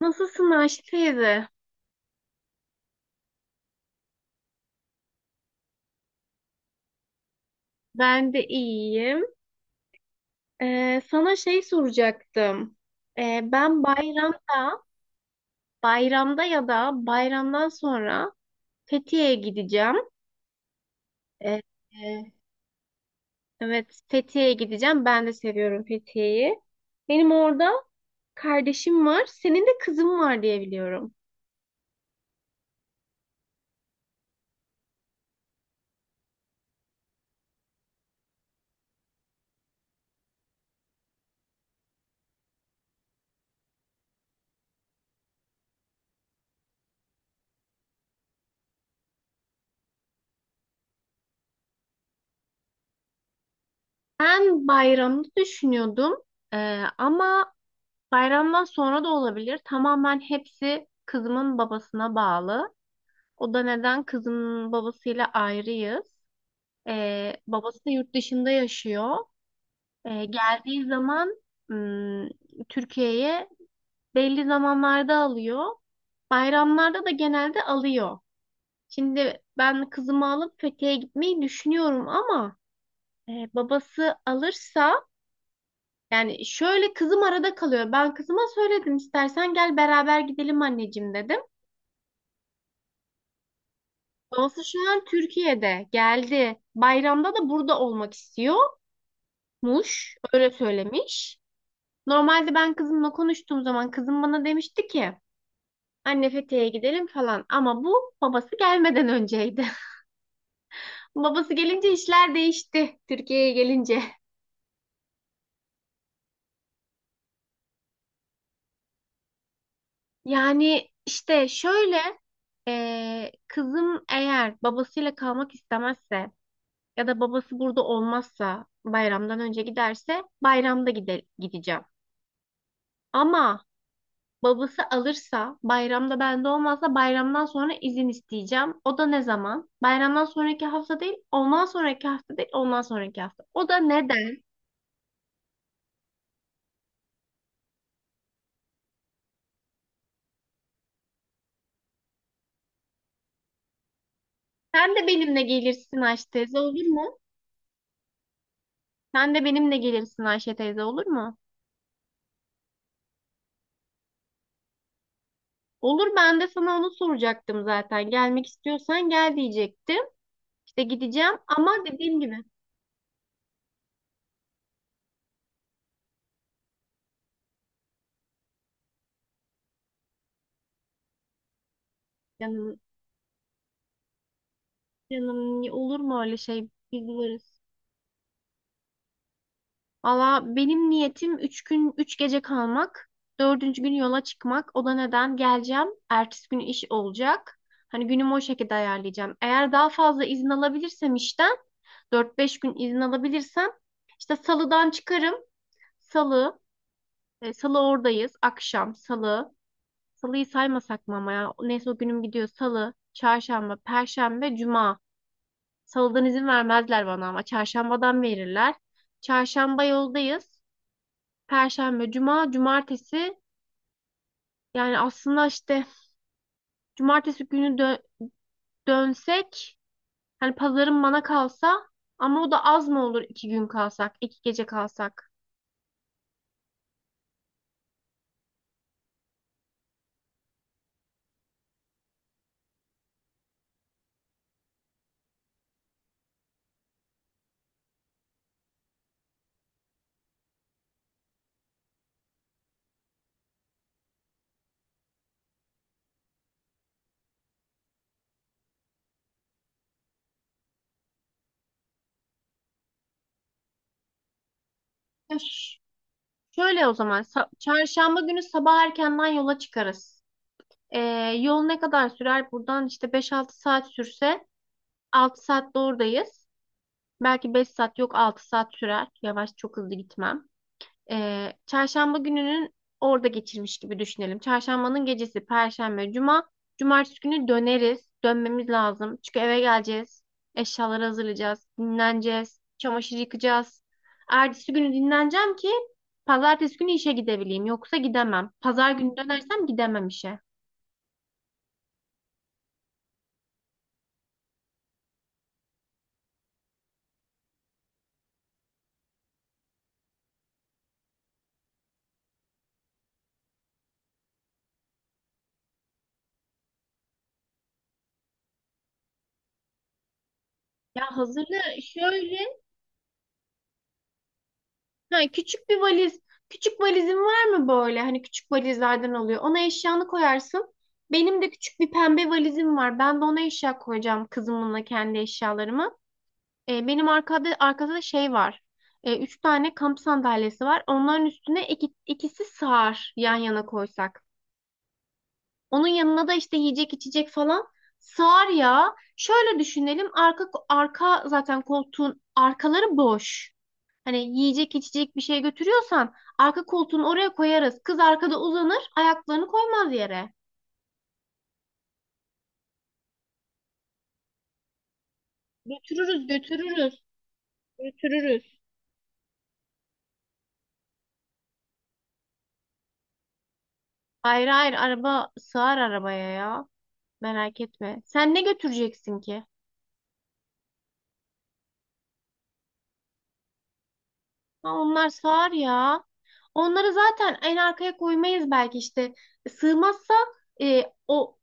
Nasılsın Ayşe teyze? Ben de iyiyim. Sana şey soracaktım. Ben bayramda, bayramda ya da bayramdan sonra Fethiye'ye gideceğim. Ee, e, evet, Fethiye'ye gideceğim. Ben de seviyorum Fethiye'yi. Benim orada kardeşim var. Senin de kızın var diye biliyorum. Ben bayramda düşünüyordum. Ama bayramdan sonra da olabilir. Tamamen hepsi kızımın babasına bağlı. O da neden? Kızın babasıyla ayrıyız. Babası da yurt dışında yaşıyor. Geldiği zaman ım, Türkiye'ye belli zamanlarda alıyor. Bayramlarda da genelde alıyor. Şimdi ben kızımı alıp Fethiye'ye gitmeyi düşünüyorum ama babası alırsa yani şöyle kızım arada kalıyor. Ben kızıma söyledim istersen gel beraber gidelim anneciğim dedim. Babası şu an Türkiye'de geldi. Bayramda da burada olmak istiyor. Muş öyle söylemiş. Normalde ben kızımla konuştuğum zaman kızım bana demişti ki anne Fethiye'ye gidelim falan ama bu babası gelmeden önceydi. Babası gelince işler değişti Türkiye'ye gelince. Yani işte şöyle kızım eğer babasıyla kalmak istemezse ya da babası burada olmazsa bayramdan önce giderse bayramda gideceğim. Ama babası alırsa, bayramda bende olmazsa bayramdan sonra izin isteyeceğim. O da ne zaman? Bayramdan sonraki hafta değil, ondan sonraki hafta değil, ondan sonraki hafta. O da neden? Sen de benimle gelirsin Ayşe teyze olur mu? Sen de benimle gelirsin Ayşe teyze olur mu? Olur ben de sana onu soracaktım zaten. Gelmek istiyorsan gel diyecektim. İşte gideceğim ama dediğim gibi canım, canım olur mu öyle şey? Biz varız. Valla benim niyetim üç gün, üç gece kalmak. Dördüncü gün yola çıkmak. O da neden geleceğim? Ertesi gün iş olacak. Hani günümü o şekilde ayarlayacağım. Eğer daha fazla izin alabilirsem işten, dört beş gün izin alabilirsem, işte salıdan çıkarım. Salı, salı oradayız. Akşam, salı. Salıyı saymasak mı ama ya? Neyse o günüm gidiyor. Salı, çarşamba, perşembe, cuma. Salıdan izin vermezler bana ama çarşambadan verirler. Çarşamba yoldayız. Perşembe, cuma, cumartesi. Yani aslında işte cumartesi günü dönsek hani pazarın bana kalsa ama o da az mı olur iki gün kalsak, iki gece kalsak? Ya ş- Şöyle o zaman çarşamba günü sabah erkenden yola çıkarız. Ee, Yol ne kadar sürer? Buradan işte beş altı saat sürse 6 saatte oradayız. Belki 5 saat yok 6 saat sürer. Yavaş çok hızlı gitmem. Çarşamba gününün orada geçirmiş gibi düşünelim. Çarşambanın gecesi, perşembe, cuma. Cumartesi günü döneriz. Dönmemiz lazım. Çünkü eve geleceğiz. Eşyaları hazırlayacağız. Dinleneceğiz. Çamaşır yıkacağız. Ertesi günü dinleneceğim ki pazartesi günü işe gidebileyim. Yoksa gidemem. Pazar günü dönersem gidemem işe. Ya hazırlığı şöyle ha, küçük bir valiz. Küçük valizin var mı böyle? Hani küçük valizlerden oluyor. Ona eşyanı koyarsın. Benim de küçük bir pembe valizim var. Ben de ona eşya koyacağım kızımınla kendi eşyalarımı. Benim arkada da şey var. Üç tane kamp sandalyesi var. Onların üstüne ikisi sığar yan yana koysak. Onun yanına da işte yiyecek içecek falan sığar ya. Şöyle düşünelim. Arka zaten koltuğun arkaları boş. Hani yiyecek içecek bir şey götürüyorsan arka koltuğun oraya koyarız. Kız arkada uzanır, ayaklarını koymaz yere. Götürürüz, götürürüz, götürürüz. Hayır hayır araba sığar arabaya ya. Merak etme. Sen ne götüreceksin ki? Ha, onlar sığar ya. Onları zaten en arkaya koymayız belki işte. Sığmazsa o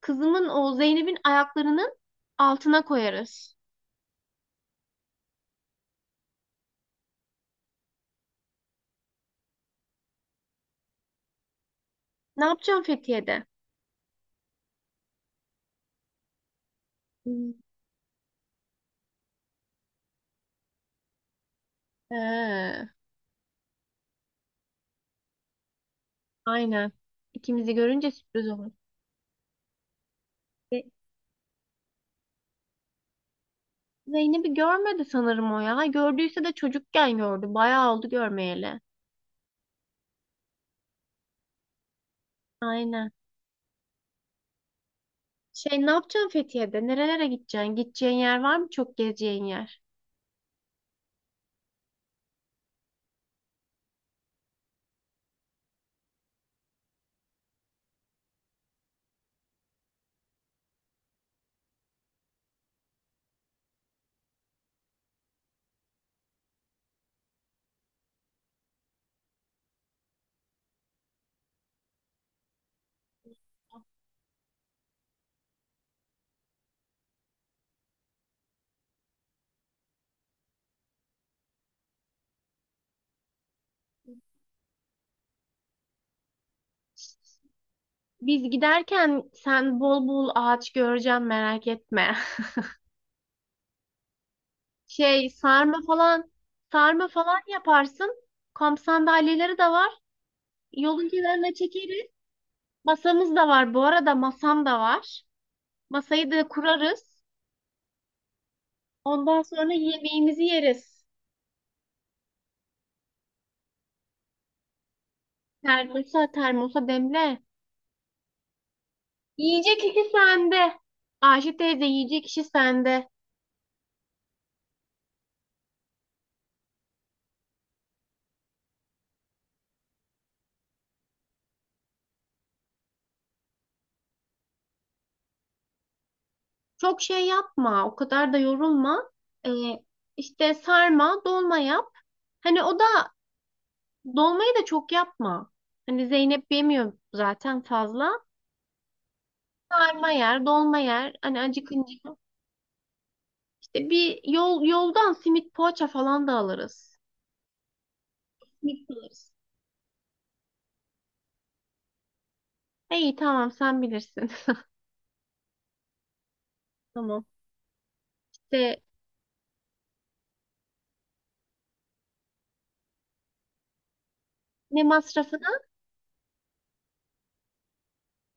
kızımın o Zeynep'in ayaklarının altına koyarız. Ne yapacağım Fethiye'de? Hmm. He. Aynen. İkimizi görünce sürpriz olur. Ve Zeynep'i görmedi sanırım o ya. Gördüyse de çocukken gördü. Bayağı oldu görmeyeli. Aynen. Şey ne yapacaksın Fethiye'de? Nerelere gideceksin? Gideceğin yer var mı? Çok gezeceğin yer. Biz giderken sen bol bol ağaç göreceğim merak etme. Şey sarma falan sarma falan yaparsın. Kamp sandalyeleri de var. Yolun kenarına çekeriz. Masamız da var. Bu arada masam da var. Masayı da kurarız. Ondan sonra yemeğimizi yeriz. Termosa demle. Yiyecek kişi sende. Ayşe teyze yiyecek kişi sende. Çok şey yapma. O kadar da yorulma. Ee, işte sarma, dolma yap. Hani o da dolmayı da çok yapma. Hani Zeynep yemiyor zaten fazla. Sarma yer, dolma yer. Hani acıkınca. İşte bir yoldan simit poğaça falan da alırız. Simit alırız. İyi tamam sen bilirsin. Tamam. İşte ne masrafı?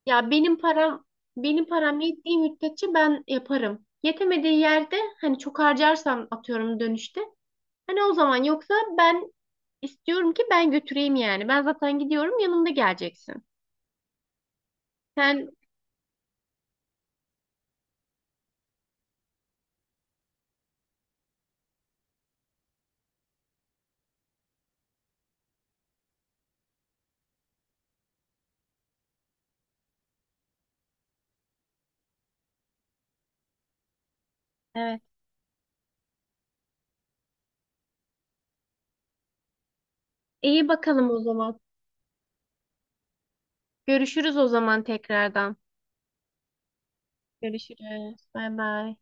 Ya benim param, benim param yettiği müddetçe ben yaparım. Yetemediği yerde hani çok harcarsam atıyorum dönüşte. Hani o zaman yoksa ben istiyorum ki ben götüreyim yani. Ben zaten gidiyorum yanımda geleceksin. Sen evet. iyi bakalım o zaman. Görüşürüz o zaman tekrardan. Görüşürüz. Bay bay.